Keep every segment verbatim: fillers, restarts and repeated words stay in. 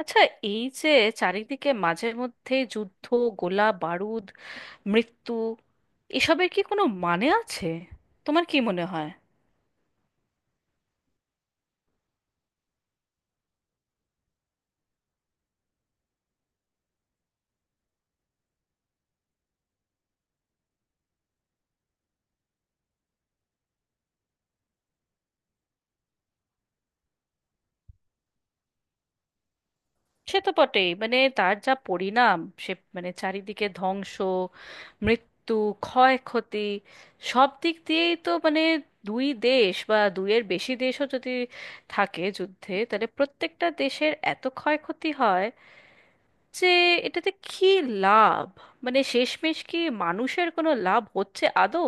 আচ্ছা, এই যে চারিদিকে মাঝে মধ্যে যুদ্ধ, গোলা বারুদ, মৃত্যু, এসবের কি কোনো মানে আছে? তোমার কি মনে হয়? সে তো বটেই, মানে তার যা পরিণাম, সে মানে চারিদিকে ধ্বংস, মৃত্যু, ক্ষয়ক্ষতি, সব দিক দিয়েই তো মানে দুই দেশ বা দুইয়ের বেশি দেশও যদি থাকে যুদ্ধে, তাহলে প্রত্যেকটা দেশের এত ক্ষয়ক্ষতি হয় যে এটাতে কি লাভ? মানে শেষমেশ কি মানুষের কোনো লাভ হচ্ছে আদৌ?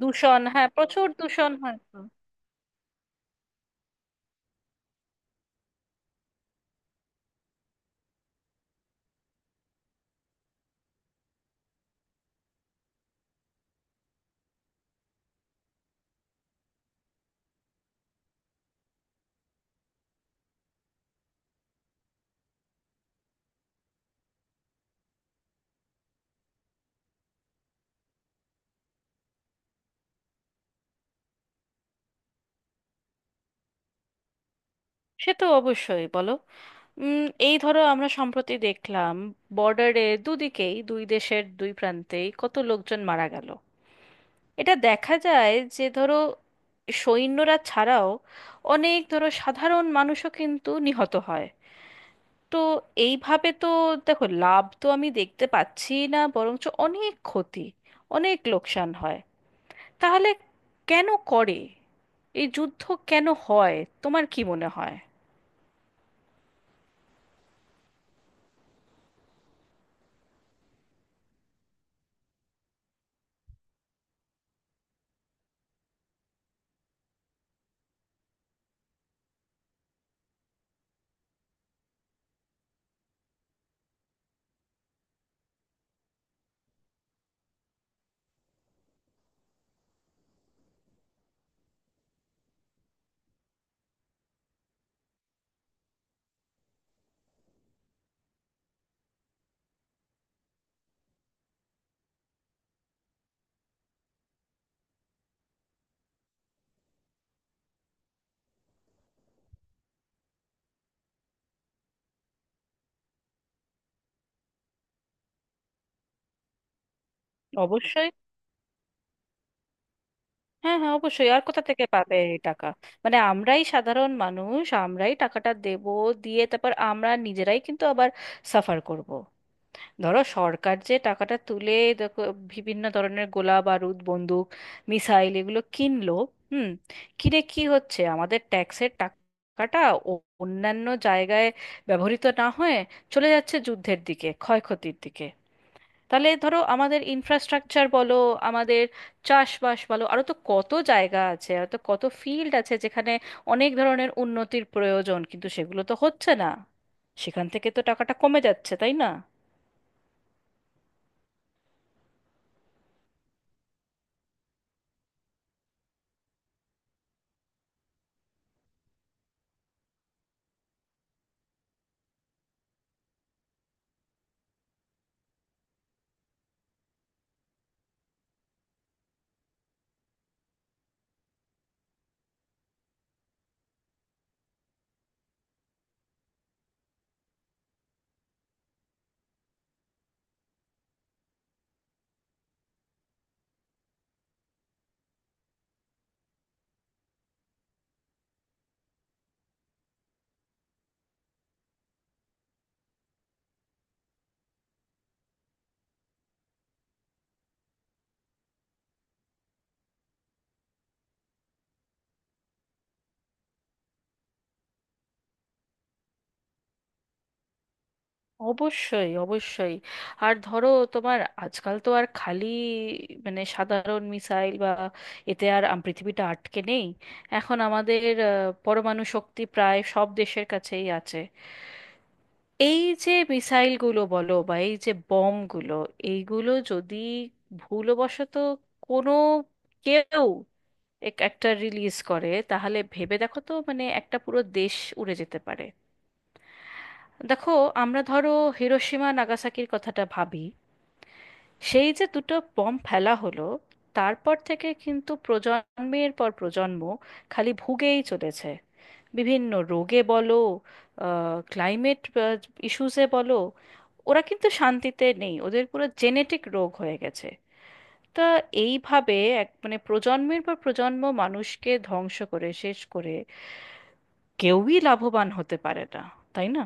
দূষণ, হ্যাঁ প্রচুর দূষণ হয় তো। সে তো অবশ্যই, বলো। উম, এই ধরো আমরা সম্প্রতি দেখলাম বর্ডারে দুদিকেই, দুই দেশের দুই প্রান্তেই কত লোকজন মারা গেল। এটা দেখা যায় যে ধরো সৈন্যরা ছাড়াও অনেক ধরো সাধারণ মানুষও কিন্তু নিহত হয়। তো এইভাবে তো দেখো, লাভ তো আমি দেখতে পাচ্ছি না, বরঞ্চ অনেক ক্ষতি, অনেক লোকসান হয়। তাহলে কেন করে এই যুদ্ধ? কেন হয়? তোমার কি মনে হয়? অবশ্যই। হ্যাঁ হ্যাঁ, অবশ্যই, আর কোথা থেকে পাবে এই টাকা? মানে আমরাই সাধারণ মানুষ, আমরাই টাকাটা দেব, দিয়ে তারপর আমরা নিজেরাই কিন্তু আবার সাফার করব। ধরো সরকার যে টাকাটা তুলে দেখো বিভিন্ন ধরনের গোলা বারুদ, বন্দুক, মিসাইল এগুলো কিনলো। হুম, কিনে কি হচ্ছে আমাদের ট্যাক্সের টাকাটা ও- অন্যান্য জায়গায় ব্যবহৃত না হয়ে চলে যাচ্ছে যুদ্ধের দিকে, ক্ষয়ক্ষতির দিকে। তাহলে ধরো আমাদের ইনফ্রাস্ট্রাকচার বলো, আমাদের চাষবাস বলো, আরও তো কত জায়গা আছে, আর তো কত ফিল্ড আছে যেখানে অনেক ধরনের উন্নতির প্রয়োজন, কিন্তু সেগুলো তো হচ্ছে না। সেখান থেকে তো টাকাটা কমে যাচ্ছে, তাই না? অবশ্যই, অবশ্যই। আর ধরো তোমার আজকাল তো আর খালি মানে সাধারণ মিসাইল বা এতে আর আম- পৃথিবীটা আটকে নেই। এখন আমাদের আহ, পরমাণু শক্তি প্রায় সব দেশের কাছেই আছে। এই যে মিসাইলগুলো বলো বা এই যে বমগুলো, এইগুলো যদি ভুলবশত কোনো কেউ এক- একটা রিলিজ করে, তাহলে ভেবে দেখো তো মানে একটা পুরো দেশ উড়ে যেতে পারে। দেখো, আমরা ধরো হিরোশিমা নাগাসাকির কথাটা ভাবি, সেই যে দুটো বম্ব ফেলা হলো, তারপর থেকে কিন্তু প্রজন্মের পর প্রজন্ম খালি ভুগেই চলেছে। বিভিন্ন রোগে বলো, ক্লাইমেট ইস্যুসে বলো, ওরা কিন্তু শান্তিতে নেই, ওদের পুরো জেনেটিক রোগ হয়ে গেছে। তা এইভাবে এক মানে প্রজন্মের পর প্রজন্ম মানুষকে ধ্বংস করে শেষ করে কেউই লাভবান হতে পারে না, তাই না?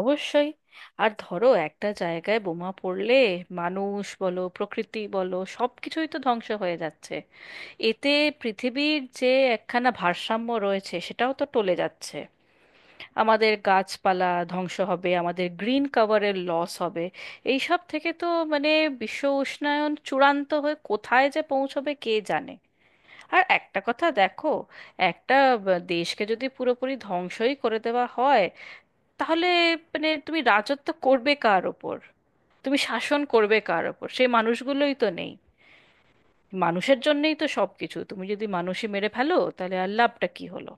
অবশ্যই। আর ধরো একটা জায়গায় বোমা পড়লে মানুষ বলো, প্রকৃতি বলো, সব কিছুই তো ধ্বংস হয়ে যাচ্ছে। এতে পৃথিবীর যে একখানা ভারসাম্য রয়েছে সেটাও তো টলে যাচ্ছে। আমাদের গাছপালা ধ্বংস হবে, আমাদের গ্রিন কভারের লস হবে। এই সব থেকে তো মানে বিশ্ব উষ্ণায়ন চূড়ান্ত হয়ে কোথায় যে পৌঁছবে কে জানে। আর একটা কথা দেখো, একটা আহ, দেশকে যদি পুরোপুরি ধ্বংসই করে দেওয়া হয়, তাহলে মানে তুমি রাজত্ব করবে কার ওপর? তুমি শাসন করবে কার ওপর? সেই মানুষগুলোই তো নেই। মানুষের জন্যই তো সব কিছু, তুমি যদি মানুষই মেরে ফেলো তাহলে আর লাভটা কি হলো?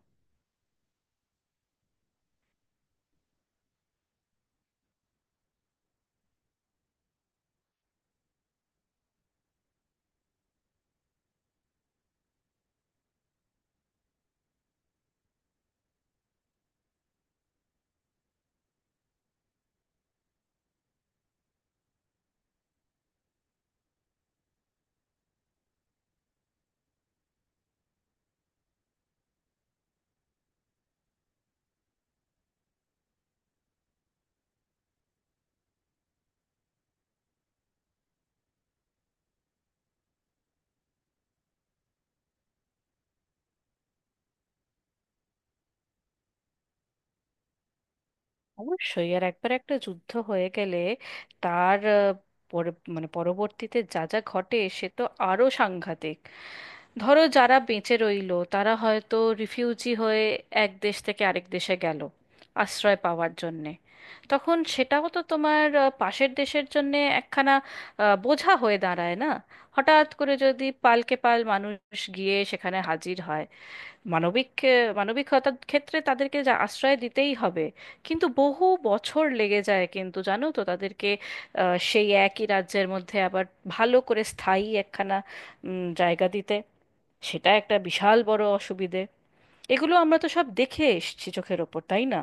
অবশ্যই। আর একবার একটা যুদ্ধ হয়ে গেলে তার আহ, পর- মানে পরবর্তীতে যা যা ঘটে সে তো আরো সাংঘাতিক। ধরো যারা বেঁচে রইলো তারা হয়তো রিফিউজি হয়ে এক দেশ থেকে আরেক দেশে গেল আশ্রয় পাওয়ার জন্যে। তখন সেটাও তো তোমার আহ, পাশের দেশের জন্যে একখানা আহ, বোঝা হয়ে দাঁড়ায় না? হঠাৎ করে যদি পালকে পাল মানুষ গিয়ে সেখানে হাজির হয় মানবিক আহ, মানবিকতার ক্ষেত্রে তাদেরকে যা আশ্রয় দিতেই হবে, কিন্তু বহু বছর লেগে যায় কিন্তু জানো তো তাদেরকে আহ, সেই একই রাজ্যের মধ্যে আবার ভালো করে স্থায়ী একখানা উম, জায়গা দিতে। সেটা একটা বিশাল বড় অসুবিধে। এগুলো আমরা তো সব দেখে এসেছি চোখের ওপর, তাই না?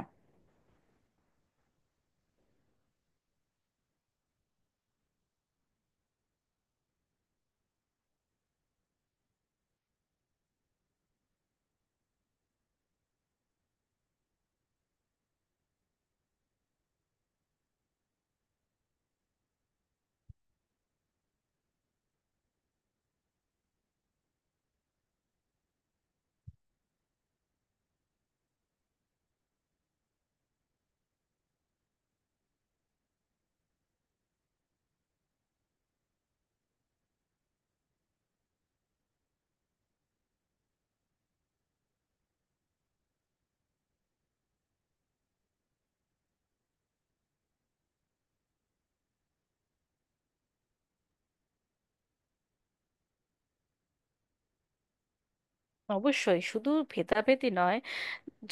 অবশ্যই, শুধু ভেদাভেদি নয়,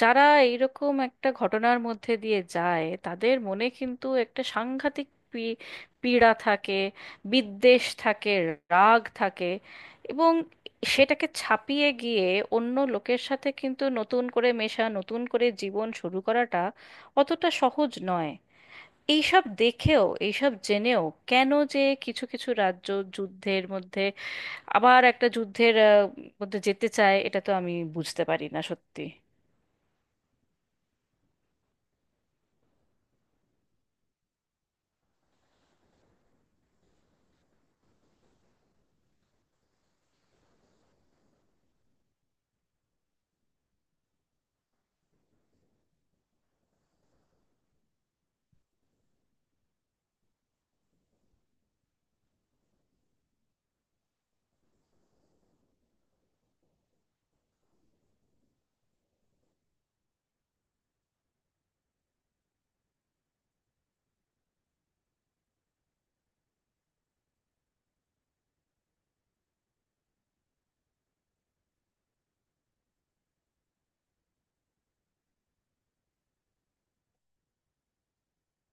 যারা এইরকম একটা ঘটনার মধ্যে দিয়ে যায় তাদের মনে কিন্তু একটা সাংঘাতিক পী- পীড়া থাকে, বিদ্বেষ থাকে, রাগ থাকে, এবং সেটাকে ছাপিয়ে গিয়ে অন্য লোকের সাথে কিন্তু নতুন করে মেশা, নতুন করে জীবন শুরু করাটা অতটা সহজ নয়। এইসব দেখেও, এইসব জেনেও কেন যে কিছু কিছু রাজ্য যুদ্ধের মধ্যে আবার একটা যুদ্ধের আহ, মধ্যে যেতে চায় এটা তো আমি বুঝতে পারি না সত্যি।